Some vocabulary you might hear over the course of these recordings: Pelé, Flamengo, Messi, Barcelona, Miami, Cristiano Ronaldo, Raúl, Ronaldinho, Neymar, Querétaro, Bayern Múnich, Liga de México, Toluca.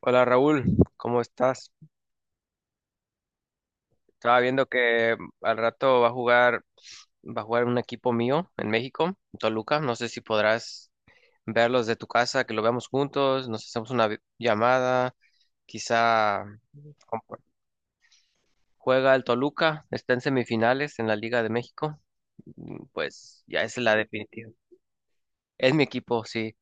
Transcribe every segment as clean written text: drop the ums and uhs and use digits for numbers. Hola Raúl, ¿cómo estás? Estaba viendo que al rato va a jugar un equipo mío en México, en Toluca. No sé si podrás verlos de tu casa, que lo veamos juntos, nos hacemos una llamada, quizá compa- juega el Toluca, está en semifinales en la Liga de México. Pues ya esa es la definitiva. Es mi equipo, sí,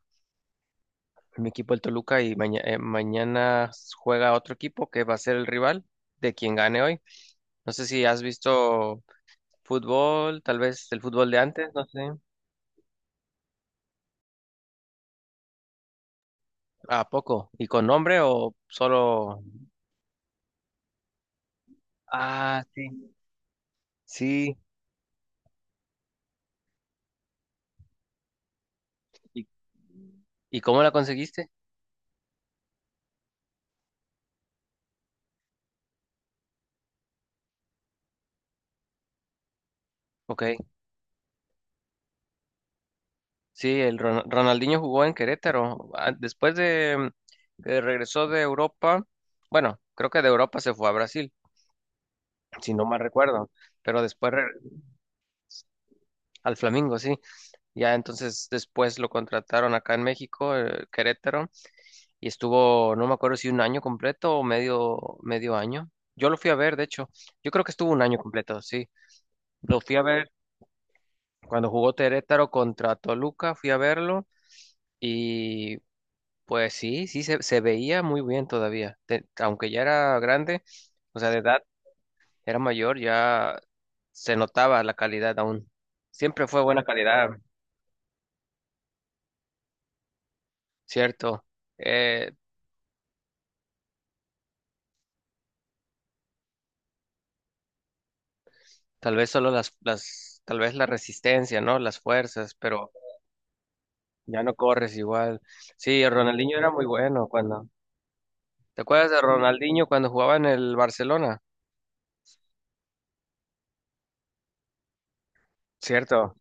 es mi equipo el Toluca y mañana juega otro equipo que va a ser el rival de quien gane hoy. No sé si has visto fútbol, tal vez el fútbol de antes, no sé. ¿A poco? ¿Y con nombre o solo? Ah, sí. Sí. ¿Y, y cómo la conseguiste? Ok. Sí, el Ronaldinho jugó en Querétaro. Ah, después de que regresó de Europa, bueno, creo que de Europa se fue a Brasil, si no mal recuerdo. Pero después al Flamengo, sí. Ya entonces después lo contrataron acá en México, Querétaro. Y estuvo, no me acuerdo si un año completo o medio año. Yo lo fui a ver, de hecho, yo creo que estuvo un año completo, sí. Lo fui a ver cuando jugó Terétaro contra Toluca, fui a verlo y pues sí, sí, se veía muy bien todavía. Aunque ya era grande, o sea, de edad, era mayor, ya se notaba la calidad aún. Siempre fue buena calidad, cierto. Eh, Tal vez solo tal vez la resistencia, ¿no? Las fuerzas, pero ya no corres igual. Sí, Ronaldinho era muy bueno cuando. ¿Te acuerdas de Ronaldinho cuando jugaba en el Barcelona? Cierto,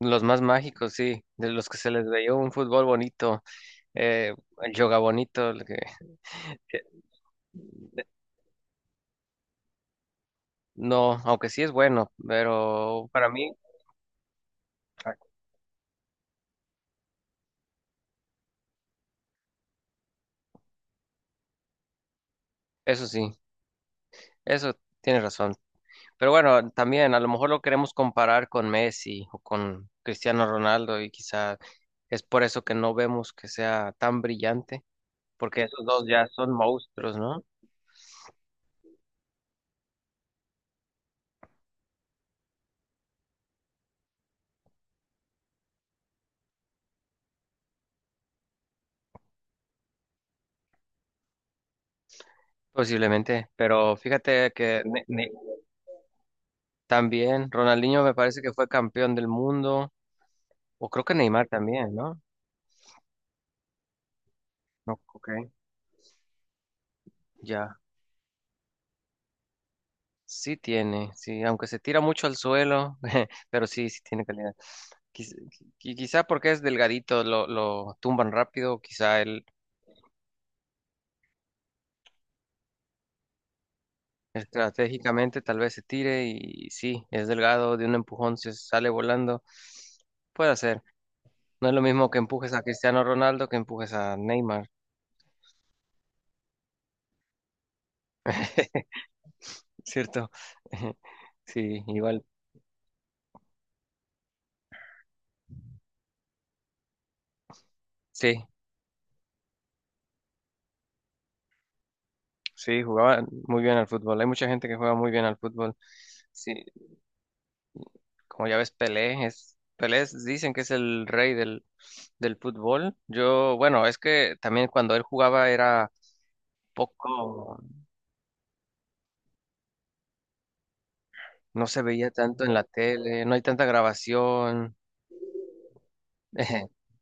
los más mágicos, sí, de los que se les veía un fútbol bonito, eh, el yoga bonito, el que- no, aunque sí es bueno, pero para mí, eso sí, eso tienes razón. Pero bueno, también a lo mejor lo queremos comparar con Messi o con Cristiano Ronaldo y quizá es por eso que no vemos que sea tan brillante, porque esos dos ya son monstruos, ¿no? Posiblemente, pero fíjate que también Ronaldinho me parece que fue campeón del mundo, o creo que Neymar también, ¿no? No, ok, ya. Sí tiene, sí, aunque se tira mucho al suelo, pero sí, sí tiene calidad. Quiz- Quizá, porque es delgadito, lo tumban rápido, quizá él estratégicamente tal vez se tire y sí, es delgado, de un empujón se sale volando, puede ser. No es lo mismo que empujes a Cristiano Ronaldo que empujes a Neymar, ¿cierto? Sí, igual. Sí, sí, jugaba muy bien al fútbol. Hay mucha gente que juega muy bien al fútbol. Sí, como ya ves, dicen que es el rey del fútbol. Yo, bueno, es que también cuando él jugaba era poco, no se veía tanto en la tele, no hay tanta grabación.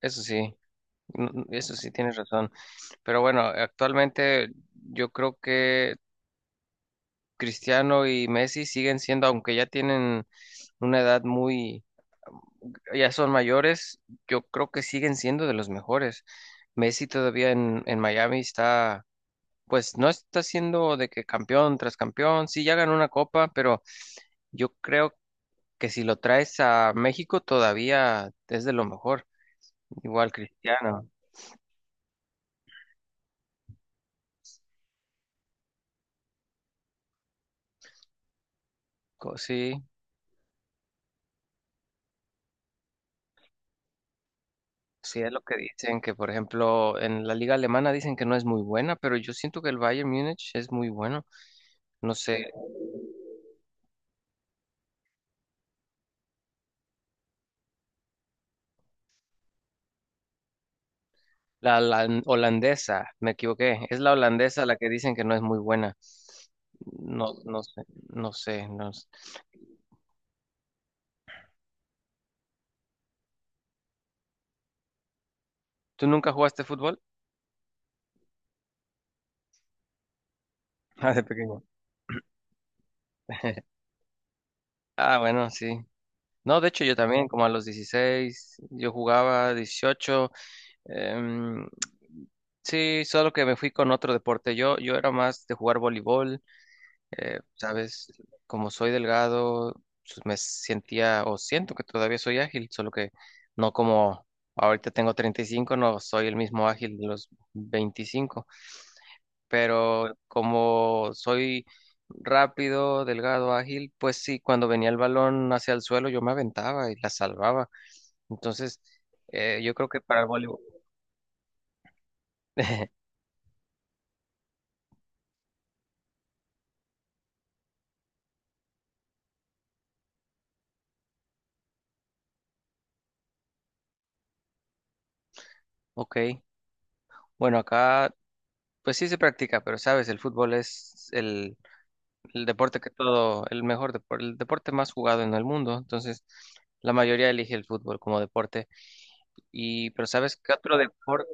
Eso sí, eso sí, tienes razón. Pero bueno, actualmente yo creo que Cristiano y Messi siguen siendo, aunque ya tienen una edad muy, ya son mayores, yo creo que siguen siendo de los mejores. Messi todavía en Miami está, pues no está siendo de que campeón tras campeón, sí ya ganó una copa, pero yo creo que si lo traes a México todavía es de lo mejor. Igual Cristiano, sí, sí es lo que dicen, que por ejemplo en la liga alemana dicen que no es muy buena, pero yo siento que el Bayern Múnich es muy bueno. No sé, la holandesa, me equivoqué. Es la holandesa la que dicen que no es muy buena. No, no sé, no sé, no sé. ¿Tú nunca jugaste fútbol? Ah, de pequeño. Ah, bueno, sí. No, de hecho yo también, como a los 16 yo jugaba 18, em, sí, solo que me fui con otro deporte. Yo era más de jugar voleibol. Sabes, como soy delgado, pues, me sentía o siento que todavía soy ágil, solo que no como ahorita, tengo 35, no soy el mismo ágil de los 25. Pero como soy rápido, delgado, ágil, pues sí, cuando venía el balón hacia el suelo yo me aventaba y la salvaba. Entonces, yo creo que para el voleibol, ok, bueno, acá pues sí se practica, pero sabes, el fútbol es el deporte que todo, el mejor deporte, el deporte más jugado en el mundo. Entonces, la mayoría elige el fútbol como deporte. Y, pero ¿sabes qué otro deporte?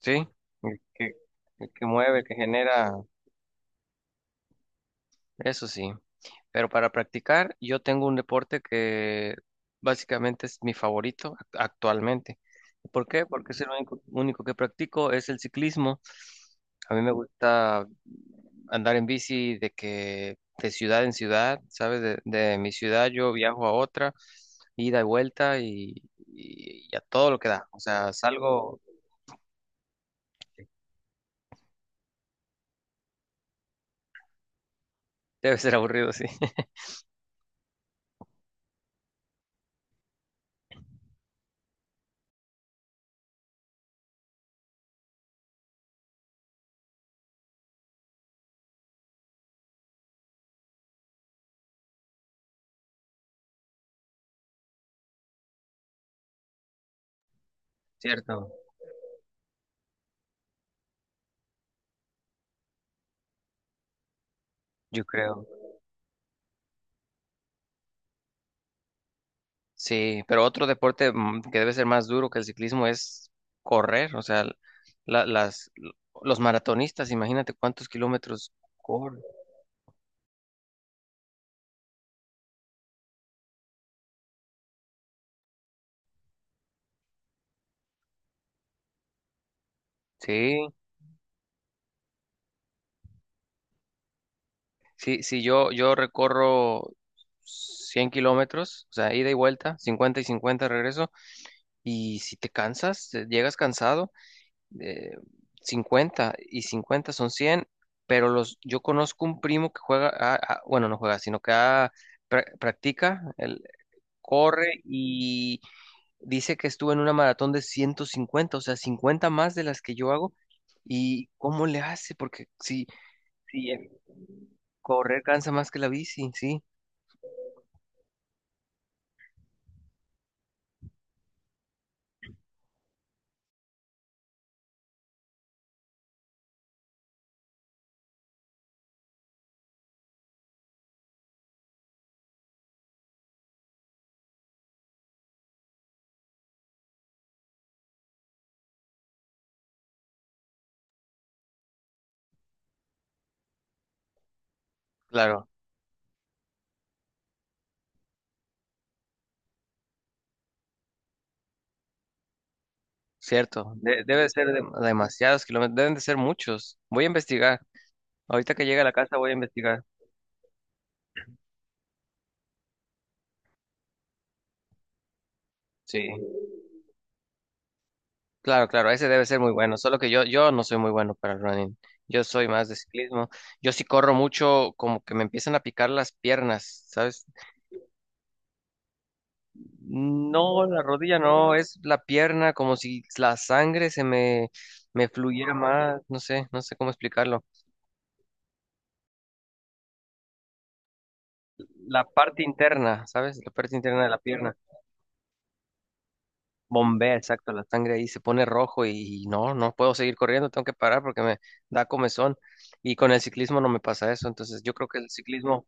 Sí, el que, el que mueve, el que genera, eso sí. Pero para practicar, yo tengo un deporte que básicamente es mi favorito actualmente. ¿Por qué? Porque es el único, único que practico, es el ciclismo. A mí me gusta andar en bici de ciudad en ciudad, ¿sabes? De mi ciudad yo viajo a otra, ida y vuelta y a todo lo que da. O sea, salgo, debe ser aburrido, sí. Cierto, yo creo. Sí, pero otro deporte que debe ser más duro que el ciclismo es correr, o sea, la- las, los maratonistas, imagínate cuántos kilómetros corren. Sí, sí, sí, yo recorro 100 kilómetros, o sea, ida y vuelta, 50 y 50 regreso, y si te cansas, llegas cansado, eh, 50 y 50 son 100, pero los, yo conozco un primo que juega, bueno, no juega, sino que practica, corre y dice que estuvo en una maratón de 150, o sea, 50 más de las que yo hago. ¿Y cómo le hace? Porque si correr cansa más que la bici, sí, claro, cierto. Debe ser demasiados kilómetros, deben de ser muchos. Voy a investigar. Ahorita que llegue a la casa voy a investigar. Sí, claro, claro, ese debe ser muy bueno. Solo que yo, no soy muy bueno para el running. Yo soy más de ciclismo. Yo sí corro mucho, como que me empiezan a picar las piernas, ¿sabes? No, la rodilla no, es la pierna, como si la sangre se me fluyera más, no sé, no sé cómo explicarlo. La parte interna, ¿sabes? La parte interna de la pierna. Bombea, exacto, la sangre ahí se pone rojo y no puedo seguir corriendo, tengo que parar porque me da comezón. Y con el ciclismo no me pasa eso, entonces yo creo que el ciclismo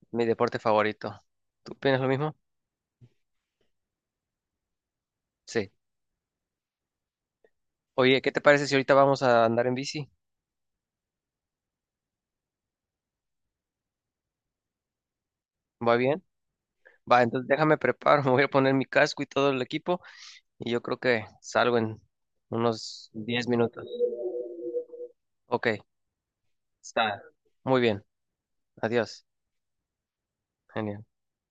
es mi deporte favorito. ¿Tú piensas lo mismo? Sí. Oye, ¿qué te parece si ahorita vamos a andar en bici? ¿Va bien? Va, entonces déjame preparo, me voy a poner mi casco y todo el equipo. Y yo creo que salgo en unos 10 minutos. Ok, está. Muy bien. Adiós. Genial.